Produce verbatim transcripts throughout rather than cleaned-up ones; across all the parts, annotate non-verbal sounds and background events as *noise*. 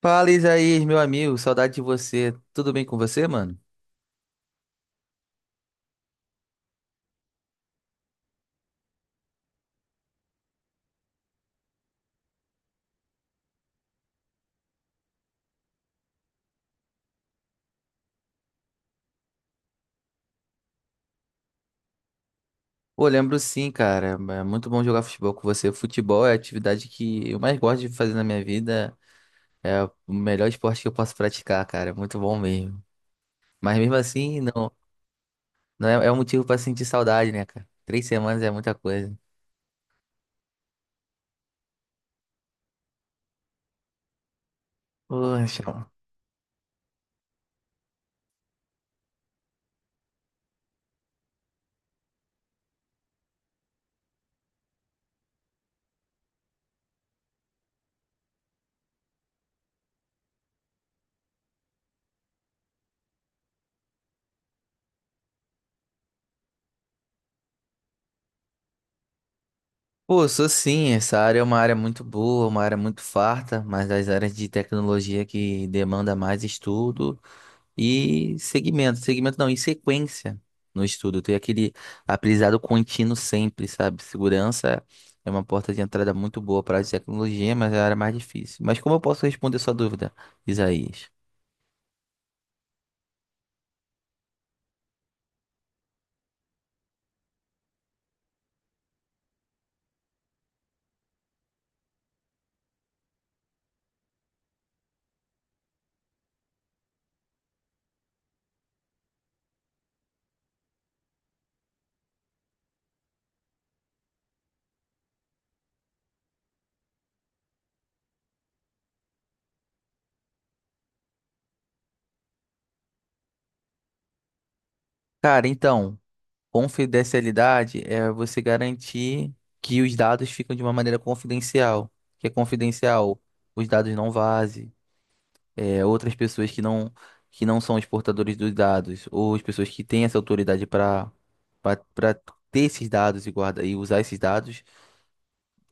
Fala, Isaías, meu amigo, saudade de você. Tudo bem com você, mano? Pô, lembro sim, cara. É muito bom jogar futebol com você. Futebol é a atividade que eu mais gosto de fazer na minha vida. É o melhor esporte que eu posso praticar, cara. É muito bom mesmo. Mas mesmo assim, não, não é, é um motivo pra sentir saudade, né, cara? Três semanas é muita coisa. Poxa. Pô, sou sim. Essa área é uma área muito boa, uma área muito farta, mas das áreas de tecnologia que demanda mais estudo. E segmento, segmento não, em sequência no estudo, ter aquele aprendizado contínuo sempre, sabe? Segurança é uma porta de entrada muito boa para a área de tecnologia, mas é a área mais difícil. Mas como eu posso responder sua dúvida, Isaías? Cara, então, confidencialidade é você garantir que os dados ficam de uma maneira confidencial, que é confidencial, os dados não vazem, é, outras pessoas que não, que não são os portadores dos dados, ou as pessoas que têm essa autoridade para para ter esses dados e guardar e usar esses dados.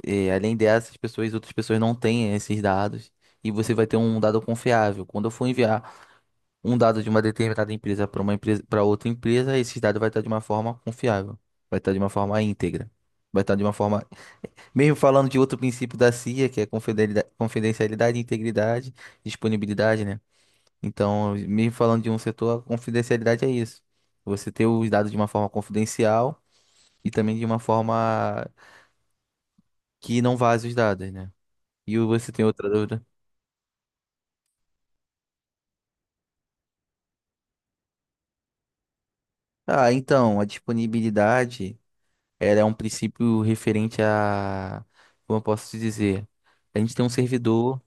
é, Além dessas pessoas, outras pessoas não têm esses dados. E você vai ter um dado confiável. Quando eu for enviar um dado de uma determinada empresa para uma empresa para outra empresa, esse dado vai estar de uma forma confiável, vai estar de uma forma íntegra, vai estar de uma forma, mesmo falando de outro princípio da C I A, que é confideli- confidencialidade, integridade, disponibilidade, né? Então, mesmo falando de um setor, a confidencialidade é isso. Você ter os dados de uma forma confidencial e também de uma forma que não vaze os dados, né? E você tem outra dúvida? Ah, então, a disponibilidade, ela é um princípio referente a, como eu posso te dizer, a gente tem um servidor.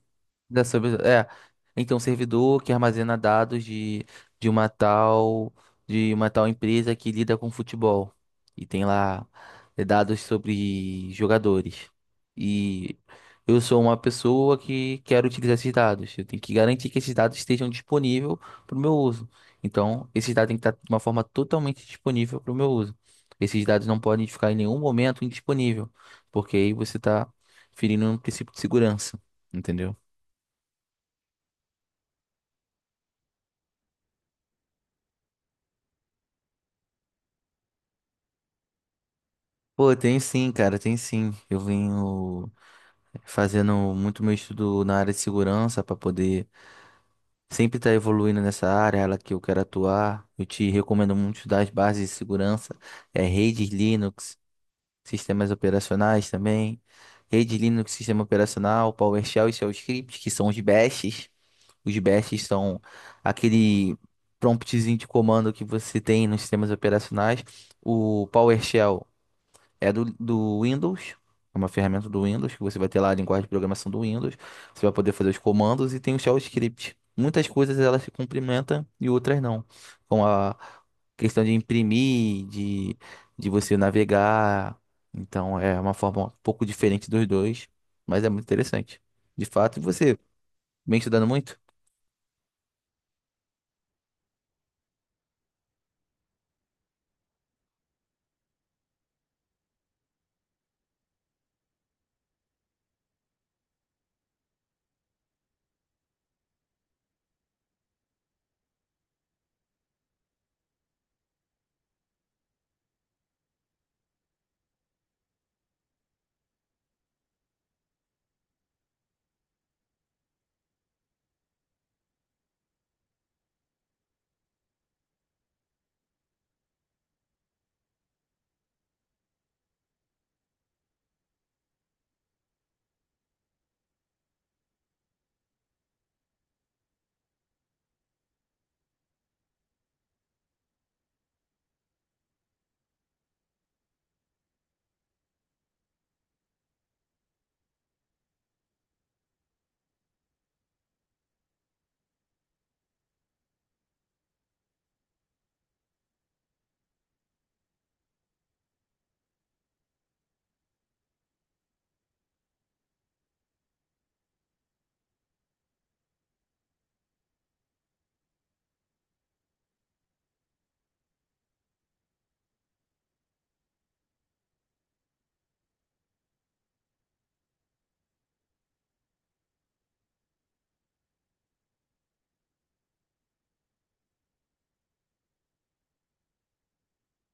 Da sub... É. Então, servidor que armazena dados de, de uma tal de uma tal empresa que lida com futebol. E tem lá, eh, dados sobre jogadores. E eu sou uma pessoa que quero utilizar esses dados. Eu tenho que garantir que esses dados estejam disponíveis para o meu uso. Então, esses dados têm que estar de uma forma totalmente disponível para o meu uso. Esses dados não podem ficar em nenhum momento indisponível, porque aí você está ferindo um princípio de segurança, entendeu? Pô, tem sim, cara, tem sim. Eu venho fazendo muito meu estudo na área de segurança para poder sempre estar evoluindo nessa área, ela que eu quero atuar. Eu te recomendo muito estudar as bases de segurança, é redes Linux, sistemas operacionais também, rede Linux, sistema operacional, PowerShell e Shell Script, que são os bashes. Os bashes são aquele promptzinho de comando que você tem nos sistemas operacionais. O PowerShell é do, do Windows, é uma ferramenta do Windows, que você vai ter lá a linguagem de programação do Windows, você vai poder fazer os comandos e tem o shell script. Muitas coisas elas se complementam e outras não, com a questão de imprimir, de, de você navegar. Então é uma forma um pouco diferente dos dois, mas é muito interessante. De fato, e você vem estudando muito?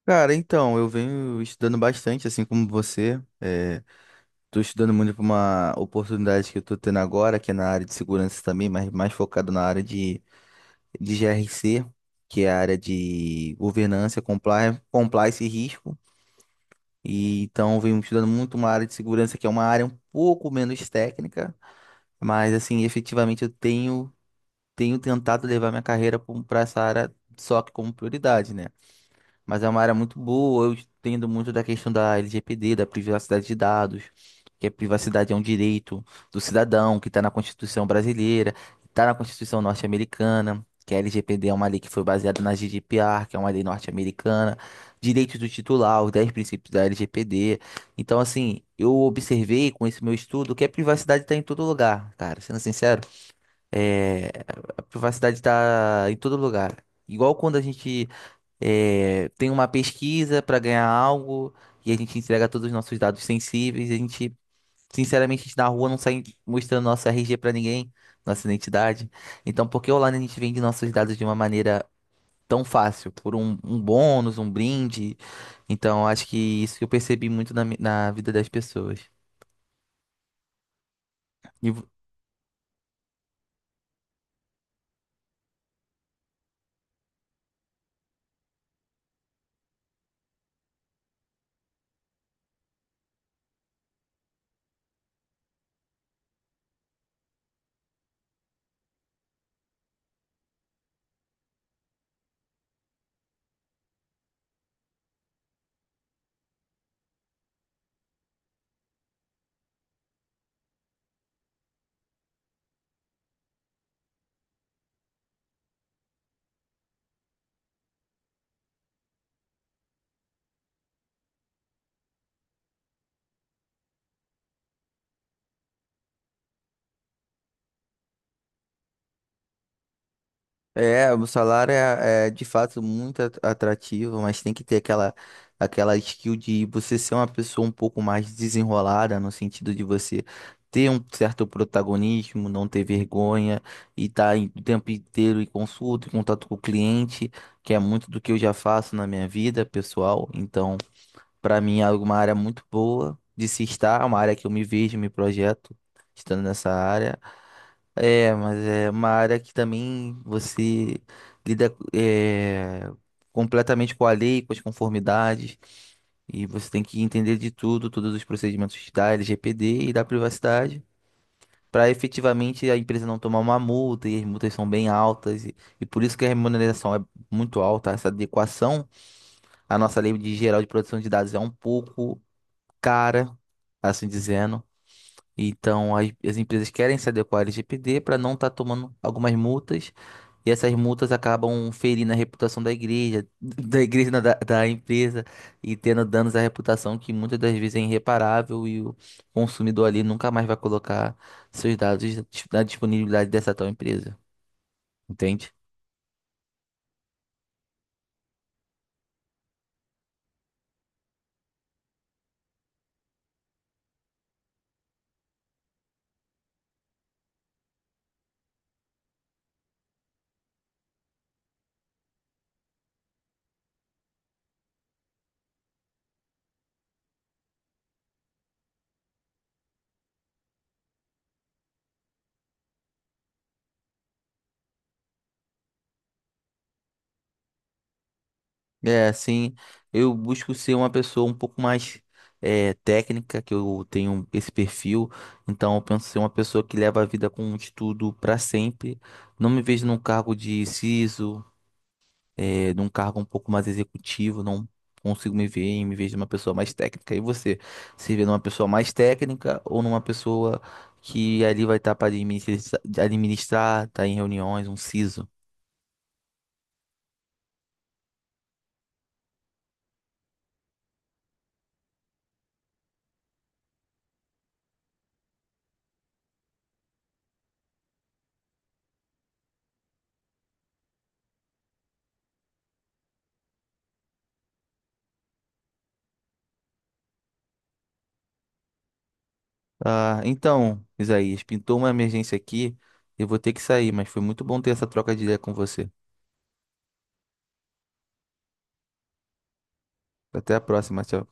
Cara, então, eu venho estudando bastante, assim como você. Tô estudando muito para uma oportunidade que eu tô tendo agora, que é na área de segurança também, mas mais focado na área de, de G R C, que é a área de governança, compliance, compliance e risco. E então eu venho estudando muito uma área de segurança que é uma área um pouco menos técnica, mas assim, efetivamente eu tenho tenho tentado levar minha carreira para essa área só que como prioridade, né? Mas é uma área muito boa. Eu entendo muito da questão da L G P D, da privacidade de dados, que a privacidade é um direito do cidadão que está na Constituição brasileira, está na Constituição norte-americana, que a L G P D é uma lei que foi baseada na G D P R, que é uma lei norte-americana, direitos do titular, os dez princípios da L G P D. Então, assim, eu observei com esse meu estudo que a privacidade está em todo lugar, cara. Sendo sincero, a privacidade está em todo lugar. Igual quando a gente, é, tem uma pesquisa para ganhar algo e a gente entrega todos os nossos dados sensíveis. A gente, sinceramente, a gente na rua não sai mostrando nosso R G para ninguém, nossa identidade. Então, por que online a gente vende nossos dados de uma maneira tão fácil? Por um, um bônus, um brinde. Então, acho que isso que eu percebi muito na, mi- na vida das pessoas. É, o salário é, é, de fato muito at- atrativo, mas tem que ter aquela, aquela skill de você ser uma pessoa um pouco mais desenrolada, no sentido de você ter um certo protagonismo, não ter vergonha e estar o tempo inteiro em consulta, em contato com o cliente, que é muito do que eu já faço na minha vida pessoal. Então, para mim é uma área muito boa de se estar, é uma área que eu me vejo, me projeto estando nessa área. É, mas é uma área que também você lida, é, completamente com a lei, com as conformidades, e você tem que entender de tudo, todos os procedimentos da L G P D e da privacidade, para efetivamente a empresa não tomar uma multa, e as multas são bem altas, e, e por isso que a remuneração é muito alta, essa adequação à nossa lei de geral de proteção de dados é um pouco cara, assim dizendo. Então, as, as empresas querem se adequar ao L G P D para não estar tomando algumas multas, e essas multas acabam ferindo a reputação da igreja, *laughs* da igreja, não, da, da empresa, e tendo danos à reputação que muitas das vezes é irreparável e o consumidor ali nunca mais vai colocar seus dados na disponibilidade dessa tal empresa, entende? É, assim, eu busco ser uma pessoa um pouco mais, eh, técnica, que eu tenho esse perfil, então eu penso ser uma pessoa que leva a vida com um estudo para sempre. Não me vejo num cargo de CISO, eh, num cargo um pouco mais executivo, não consigo me ver e me vejo numa pessoa mais técnica. E você, se vê numa pessoa mais técnica ou numa pessoa que ali vai estar para administrar, administrar, tá em reuniões, um CISO? Ah, então, Isaías, pintou uma emergência aqui. Eu vou ter que sair, mas foi muito bom ter essa troca de ideia com você. Até a próxima, tchau.